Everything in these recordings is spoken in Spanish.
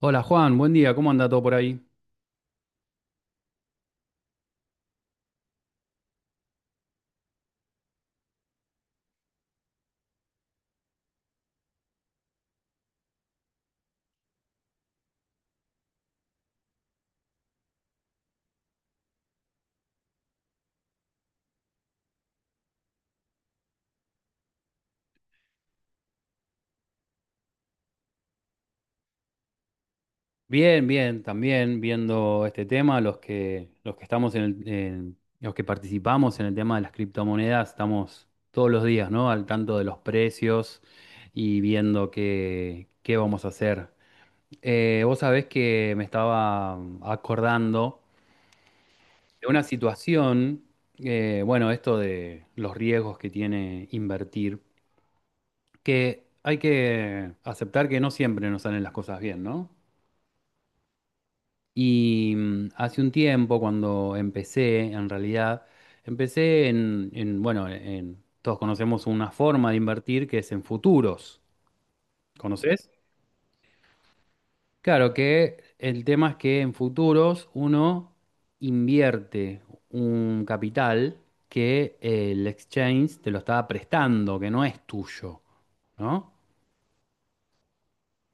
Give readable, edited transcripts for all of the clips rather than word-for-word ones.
Hola Juan, buen día, ¿cómo anda todo por ahí? Bien, bien, también viendo este tema, los que estamos en los que participamos en el tema de las criptomonedas, estamos todos los días, ¿no? Al tanto de los precios y viendo qué vamos a hacer. Vos sabés que me estaba acordando de una situación, bueno, esto de los riesgos que tiene invertir, que hay que aceptar que no siempre nos salen las cosas bien, ¿no? Y hace un tiempo, cuando empecé, en realidad, empecé en, todos conocemos una forma de invertir que es en futuros. ¿Conoces? Claro que el tema es que en futuros uno invierte un capital que el exchange te lo está prestando, que no es tuyo, ¿no?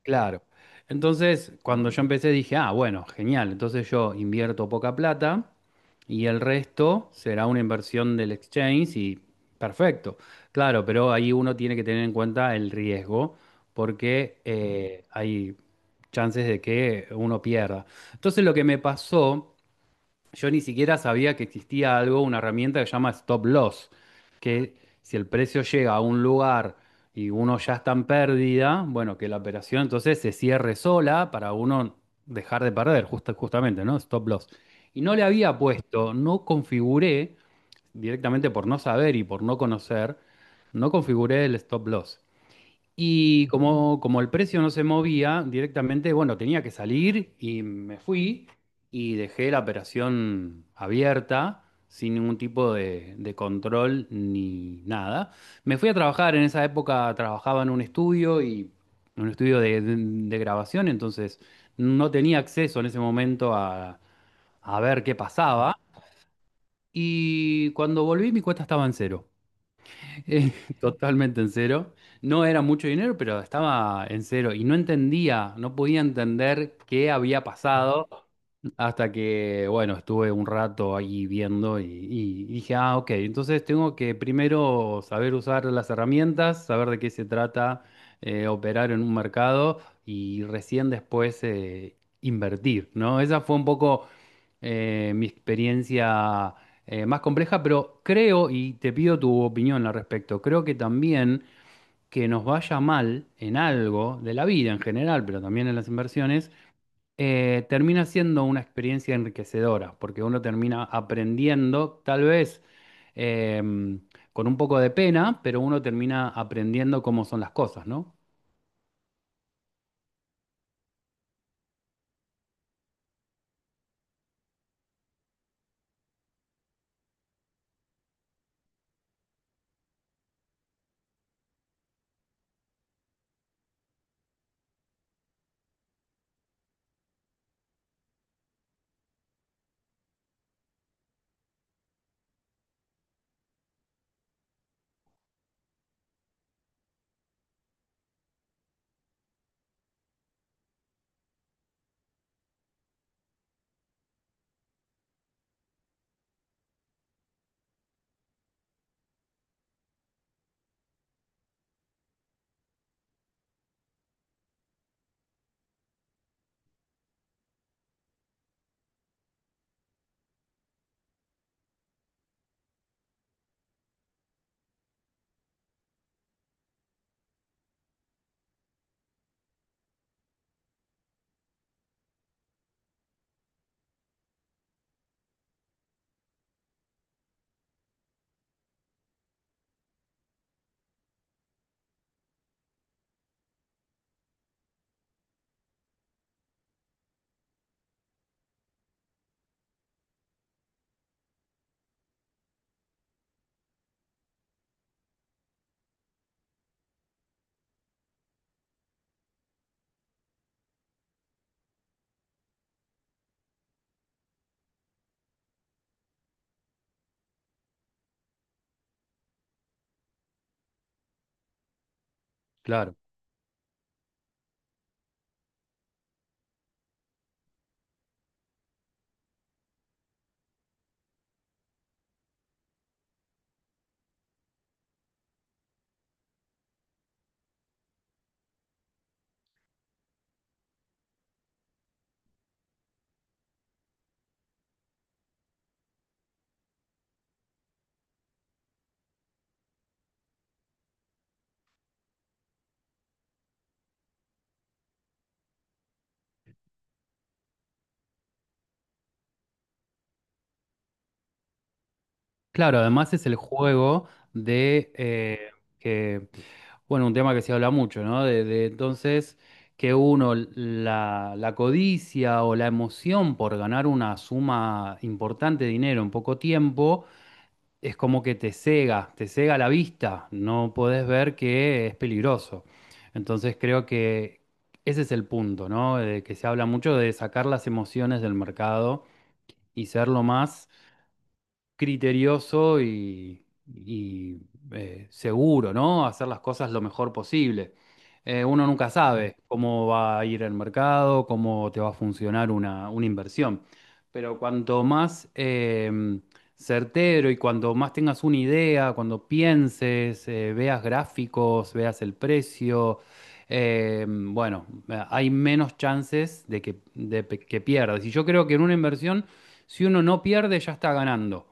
Claro. Entonces, cuando yo empecé dije, ah, bueno, genial, entonces yo invierto poca plata y el resto será una inversión del exchange y perfecto. Claro, pero ahí uno tiene que tener en cuenta el riesgo porque hay chances de que uno pierda. Entonces, lo que me pasó, yo ni siquiera sabía que existía algo, una herramienta que se llama Stop Loss, que si el precio llega a un lugar y uno ya está en pérdida, bueno, que la operación entonces se cierre sola para uno dejar de perder, justamente, ¿no? Stop Loss. Y no le había puesto, no configuré, directamente por no saber y por no conocer, no configuré el Stop Loss. Y como el precio no se movía directamente, bueno, tenía que salir y me fui y dejé la operación abierta sin ningún tipo de control ni nada. Me fui a trabajar, en esa época trabajaba en un estudio y en un estudio de grabación, entonces no tenía acceso en ese momento a ver qué pasaba. Y cuando volví mi cuenta estaba en cero. Eh, totalmente en cero. No era mucho dinero, pero estaba en cero y no entendía, no podía entender qué había pasado hasta que, bueno, estuve un rato ahí viendo y dije, ah, ok, entonces tengo que primero saber usar las herramientas, saber de qué se trata, operar en un mercado y recién después invertir, ¿no? Esa fue un poco mi experiencia más compleja, pero creo, y te pido tu opinión al respecto, creo que también que nos vaya mal en algo de la vida en general, pero también en las inversiones, termina siendo una experiencia enriquecedora, porque uno termina aprendiendo, tal vez eh, con un poco de pena, pero uno termina aprendiendo cómo son las cosas, ¿no? Claro. Claro, además es el juego de que, bueno, un tema que se habla mucho, ¿no? Entonces que uno la codicia o la emoción por ganar una suma importante de dinero en poco tiempo es como que te cega la vista, no podés ver que es peligroso. Entonces creo que ese es el punto, ¿no? De que se habla mucho de sacar las emociones del mercado y ser lo más criterioso y seguro, ¿no? Hacer las cosas lo mejor posible. Uno nunca sabe cómo va a ir el mercado, cómo te va a funcionar una inversión. Pero cuanto más certero y cuanto más tengas una idea, cuando pienses, veas gráficos, veas el precio, bueno, hay menos chances de que, que pierdas. Y yo creo que en una inversión, si uno no pierde, ya está ganando.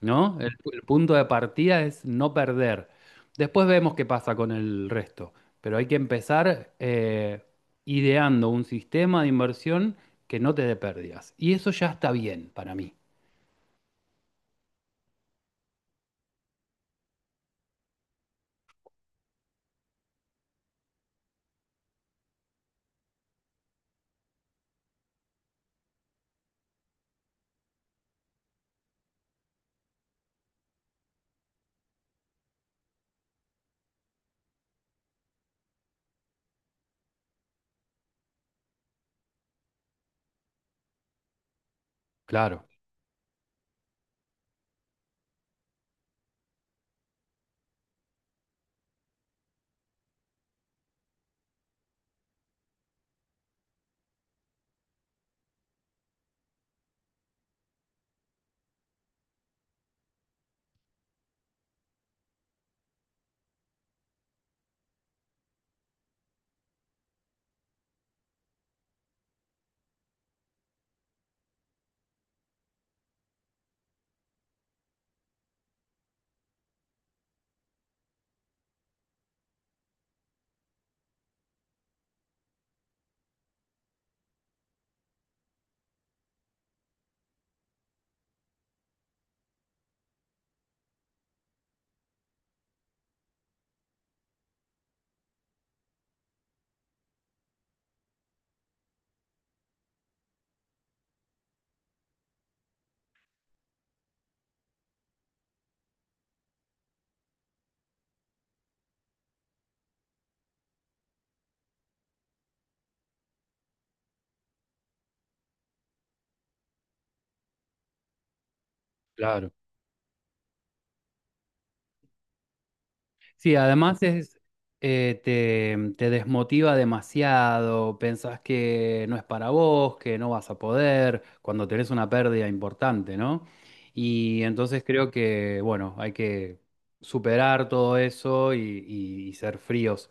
¿No? El punto de partida es no perder. Después vemos qué pasa con el resto, pero hay que empezar ideando un sistema de inversión que no te dé pérdidas. Y eso ya está bien para mí. Claro, claro. Sí, además es, te desmotiva demasiado, pensás que no es para vos, que no vas a poder, cuando tenés una pérdida importante, ¿no? Y entonces creo que, bueno, hay que superar todo eso y ser fríos.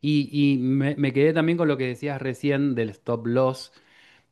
Y, y me quedé también con lo que decías recién del stop loss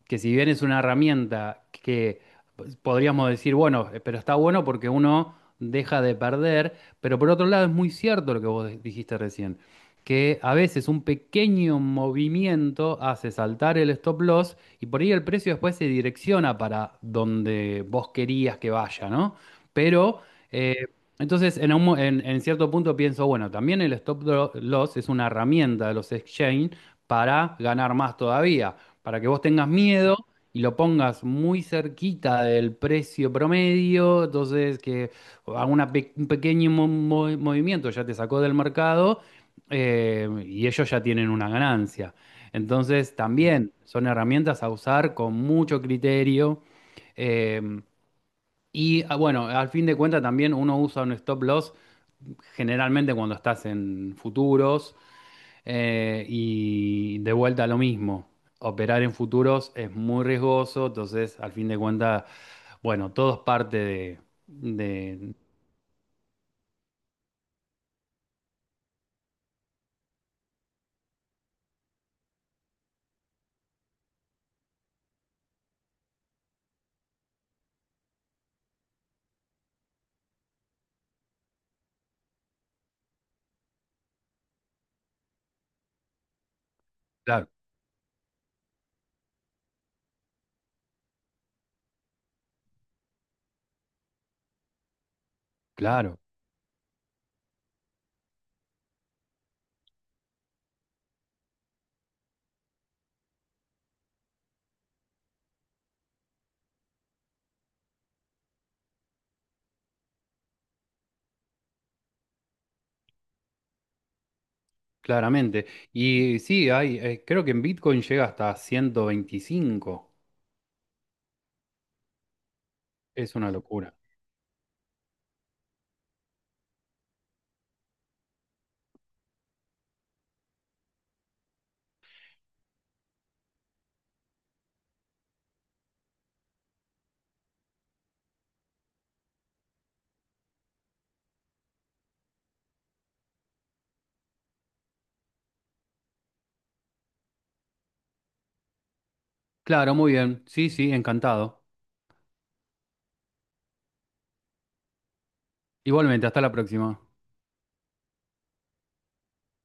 que si bien es una herramienta que pues, podríamos decir, bueno, pero está bueno porque uno deja de perder, pero por otro lado es muy cierto lo que vos dijiste recién, que a veces un pequeño movimiento hace saltar el stop loss y por ahí el precio después se direcciona para donde vos querías que vaya, ¿no? Pero eh, entonces, en, un mo- en cierto punto pienso, bueno, también el loss es una herramienta de los exchange para ganar más todavía para que vos tengas miedo y lo pongas muy cerquita del precio promedio, entonces que haga un pequeño movimiento ya te sacó del mercado y ellos ya tienen una ganancia. Entonces también son herramientas a usar con mucho criterio. eh, bueno, al fin de cuentas también uno usa un stop loss generalmente cuando estás en futuros y de vuelta lo mismo, operar en futuros es muy riesgoso, entonces al fin de cuentas, bueno, todo es parte de. Claro, claro, claramente. Y sí, hay, creo que en Bitcoin llega hasta 125, es una locura. Claro, muy bien, sí, sí, encantado. Igualmente, hasta la próxima.